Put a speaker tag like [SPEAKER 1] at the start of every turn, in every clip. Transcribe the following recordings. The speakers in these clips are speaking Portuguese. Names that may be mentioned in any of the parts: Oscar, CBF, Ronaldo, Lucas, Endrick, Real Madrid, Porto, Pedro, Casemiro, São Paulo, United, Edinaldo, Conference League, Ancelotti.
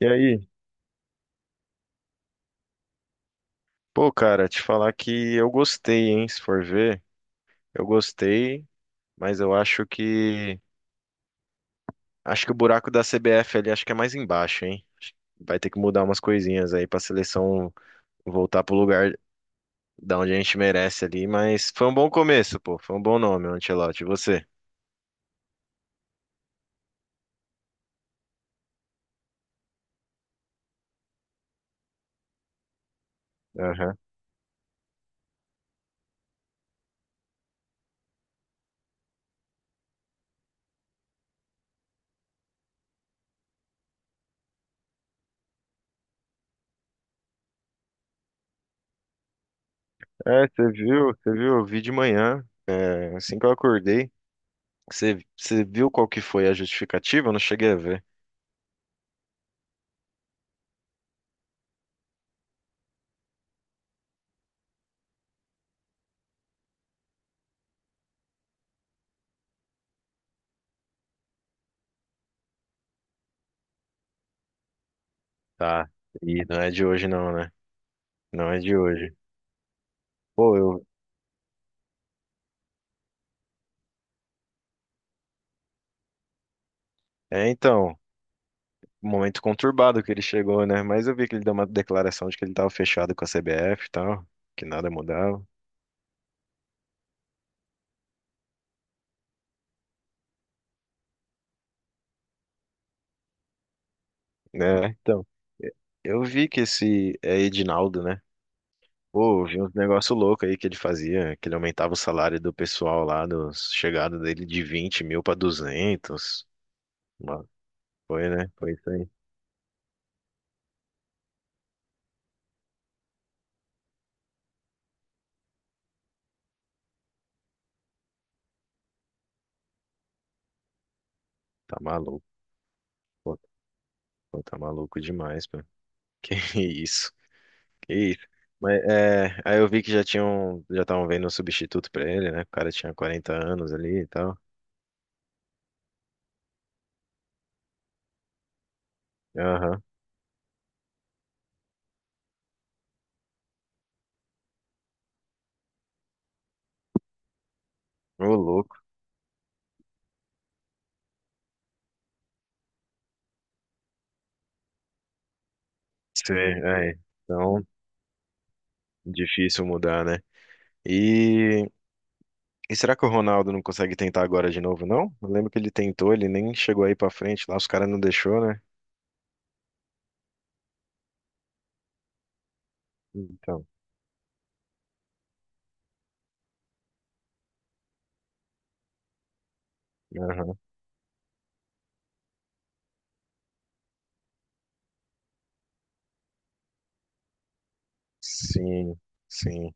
[SPEAKER 1] E aí? Pô, cara, te falar que eu gostei, hein? Se for ver, eu gostei, mas eu acho que o buraco da CBF ali acho que é mais embaixo, hein? Acho que vai ter que mudar umas coisinhas aí pra seleção voltar pro lugar da onde a gente merece ali, mas foi um bom começo, pô. Foi um bom nome, Ancelotti. E você? Aham. É, você viu, eu vi de manhã, é, assim que eu acordei. Você viu qual que foi a justificativa? Eu não cheguei a ver. Tá. E não é de hoje não, né? Não é de hoje. Pô, eu... É, então, momento conturbado que ele chegou, né? Mas eu vi que ele deu uma declaração de que ele tava fechado com a CBF e tal, que nada mudava, né? Então, eu vi que esse é Edinaldo, né? Pô, eu vi uns negócio louco aí que ele fazia, que ele aumentava o salário do pessoal lá, dos chegada dele de 20 mil pra duzentos. Mano, foi, né? Foi isso aí. Tá maluco. Pô, pô, tá maluco demais, pô. Que isso? Isso. Mas é, aí eu vi que já tinham, já estavam vendo um substituto pra ele, né? O cara tinha 40 anos ali e tal. Aham. Ô, louco. Sim, é. Então, difícil mudar, né? E, e será que o Ronaldo não consegue tentar agora de novo, não? Eu lembro que ele tentou, ele nem chegou aí pra frente lá, os caras não deixou, né? Então, aham. Sim, sim.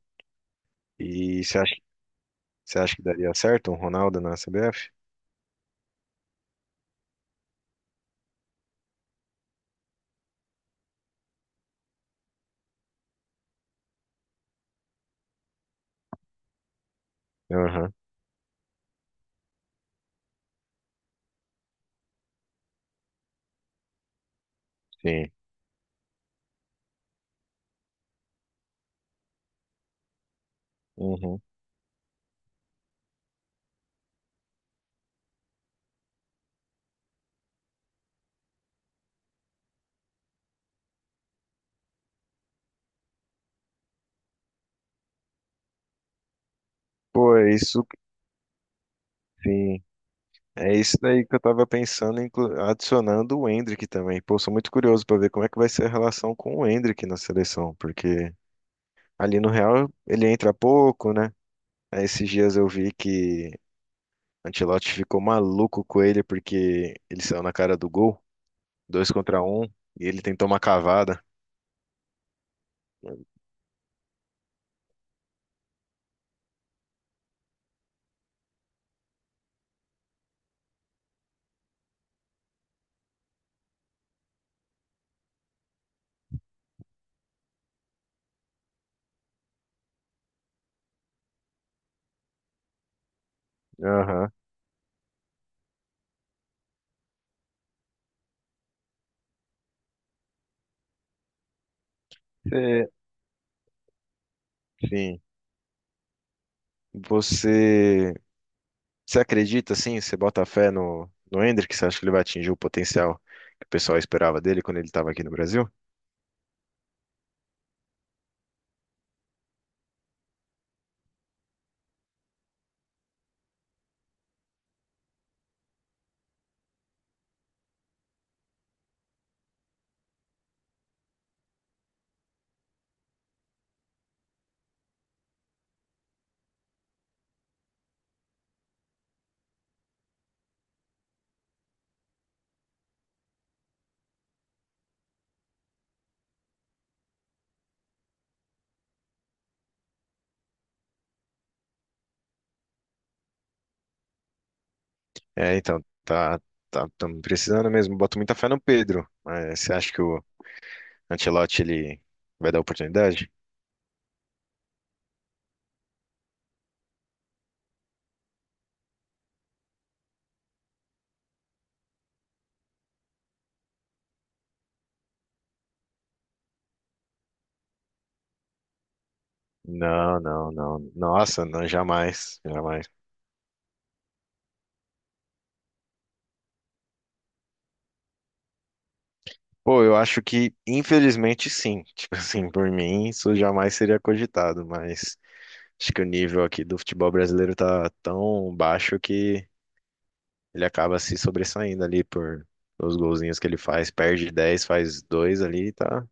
[SPEAKER 1] E você acha que daria certo um Ronaldo na CBF? Aham, sim. Uhum. Pô, é isso sim. É isso daí que eu tava pensando, adicionando o Endrick também. Pô, sou muito curioso pra ver como é que vai ser a relação com o Endrick na seleção, porque ali no Real ele entra pouco, né? Aí esses dias eu vi que Ancelotti ficou maluco com ele porque ele saiu na cara do gol, dois contra um, e ele tentou uma cavada. Aham. Você- Sim. Você, você acredita, assim? Você bota fé no, no Endrick? Você acha que ele vai atingir o potencial que o pessoal esperava dele quando ele estava aqui no Brasil? É, então, tá, tamo precisando mesmo. Boto muita fé no Pedro. Mas você acha que o Ancelotti ele vai dar oportunidade? Não, não, não. Nossa, não, jamais, jamais. Pô, eu acho que, infelizmente, sim. Tipo assim, por mim, isso jamais seria cogitado, mas acho que o nível aqui do futebol brasileiro tá tão baixo que ele acaba se sobressaindo ali por os golzinhos que ele faz. Perde 10 faz 2 ali, tá?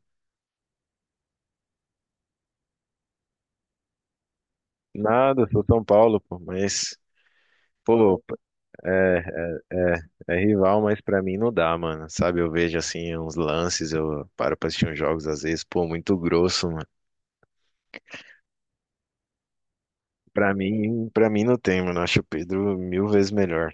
[SPEAKER 1] Nada, sou São Paulo, pô, mas. Pô, é, É é rival, mas pra mim não dá, mano. Sabe, eu vejo assim uns lances, eu paro pra assistir uns jogos às vezes, pô, muito grosso, mano. Pra mim, não tem, mano. Eu acho o Pedro mil vezes melhor.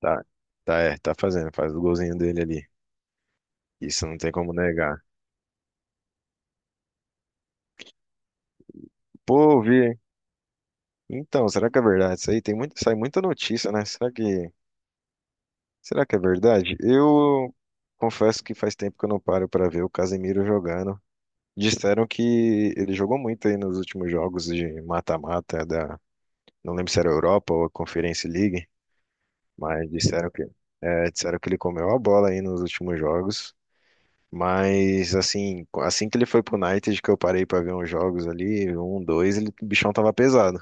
[SPEAKER 1] Tá, tá, é, tá fazendo, faz o golzinho dele ali. Isso não tem como negar. Pô, vi, hein? Então, será que é verdade isso aí? Tem muito, sai muita notícia, né? Será que é verdade? Eu confesso que faz tempo que eu não paro pra ver o Casemiro jogando. Disseram que ele jogou muito aí nos últimos jogos de mata-mata da... Não lembro se era a Europa ou a Conference League, mas disseram que, é, disseram que ele comeu a bola aí nos últimos jogos. Mas assim, assim que ele foi pro United, que eu parei pra ver uns jogos ali, um, dois, ele, o bichão tava pesado.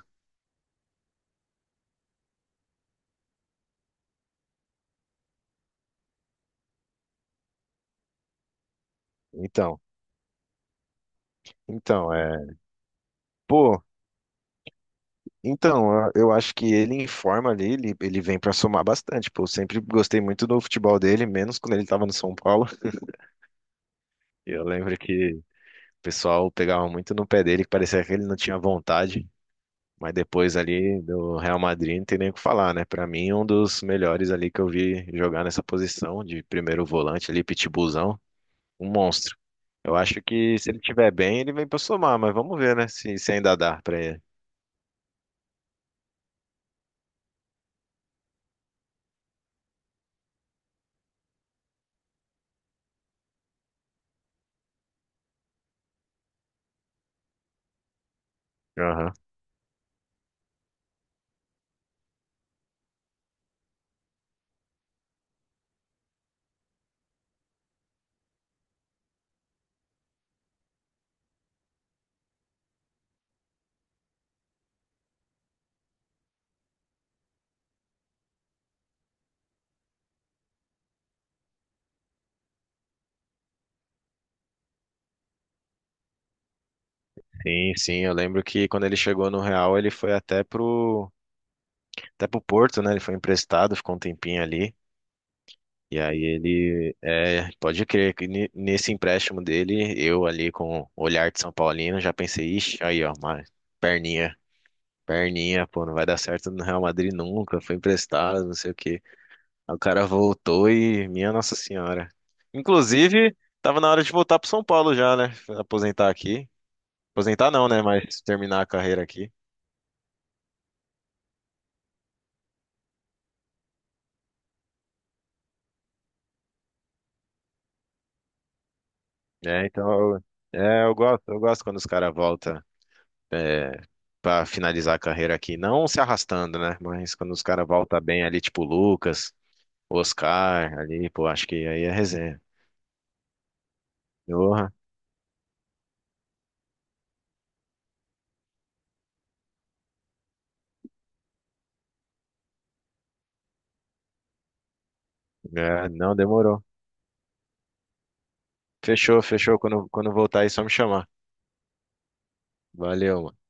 [SPEAKER 1] Então, então, é, pô, então, eu acho que ele em forma ali, ele vem pra somar bastante, pô. Eu sempre gostei muito do futebol dele, menos quando ele tava no São Paulo. Eu lembro que o pessoal pegava muito no pé dele, que parecia que ele não tinha vontade. Mas depois ali do Real Madrid, não tem nem o que falar, né? Pra mim, um dos melhores ali que eu vi jogar nessa posição de primeiro volante ali, pitbullzão, um monstro. Eu acho que se ele tiver bem, ele vem pra somar, mas vamos ver, né? Se ainda dá pra ele. Aham. Sim, sim, eu lembro que quando ele chegou no Real, ele foi até pro Porto, né? Ele foi emprestado, ficou um tempinho ali. E aí ele, é, pode crer que nesse empréstimo dele, eu ali com o olhar de São Paulino, já pensei, ixi, aí ó, uma perninha. Perninha, pô, não vai dar certo no Real Madrid nunca, foi emprestado, não sei o quê. Aí o cara voltou e, minha Nossa Senhora. Inclusive, tava na hora de voltar pro São Paulo já, né? Aposentar aqui. Aposentar não, né? Mas terminar a carreira aqui. É, então, é, eu gosto quando os caras voltam é, pra finalizar a carreira aqui. Não se arrastando, né? Mas quando os caras voltam bem ali, tipo o Lucas, o Oscar, ali, pô, acho que aí é resenha. Porra, é, não demorou. Fechou, fechou. Quando voltar aí, só me chamar. Valeu, mano.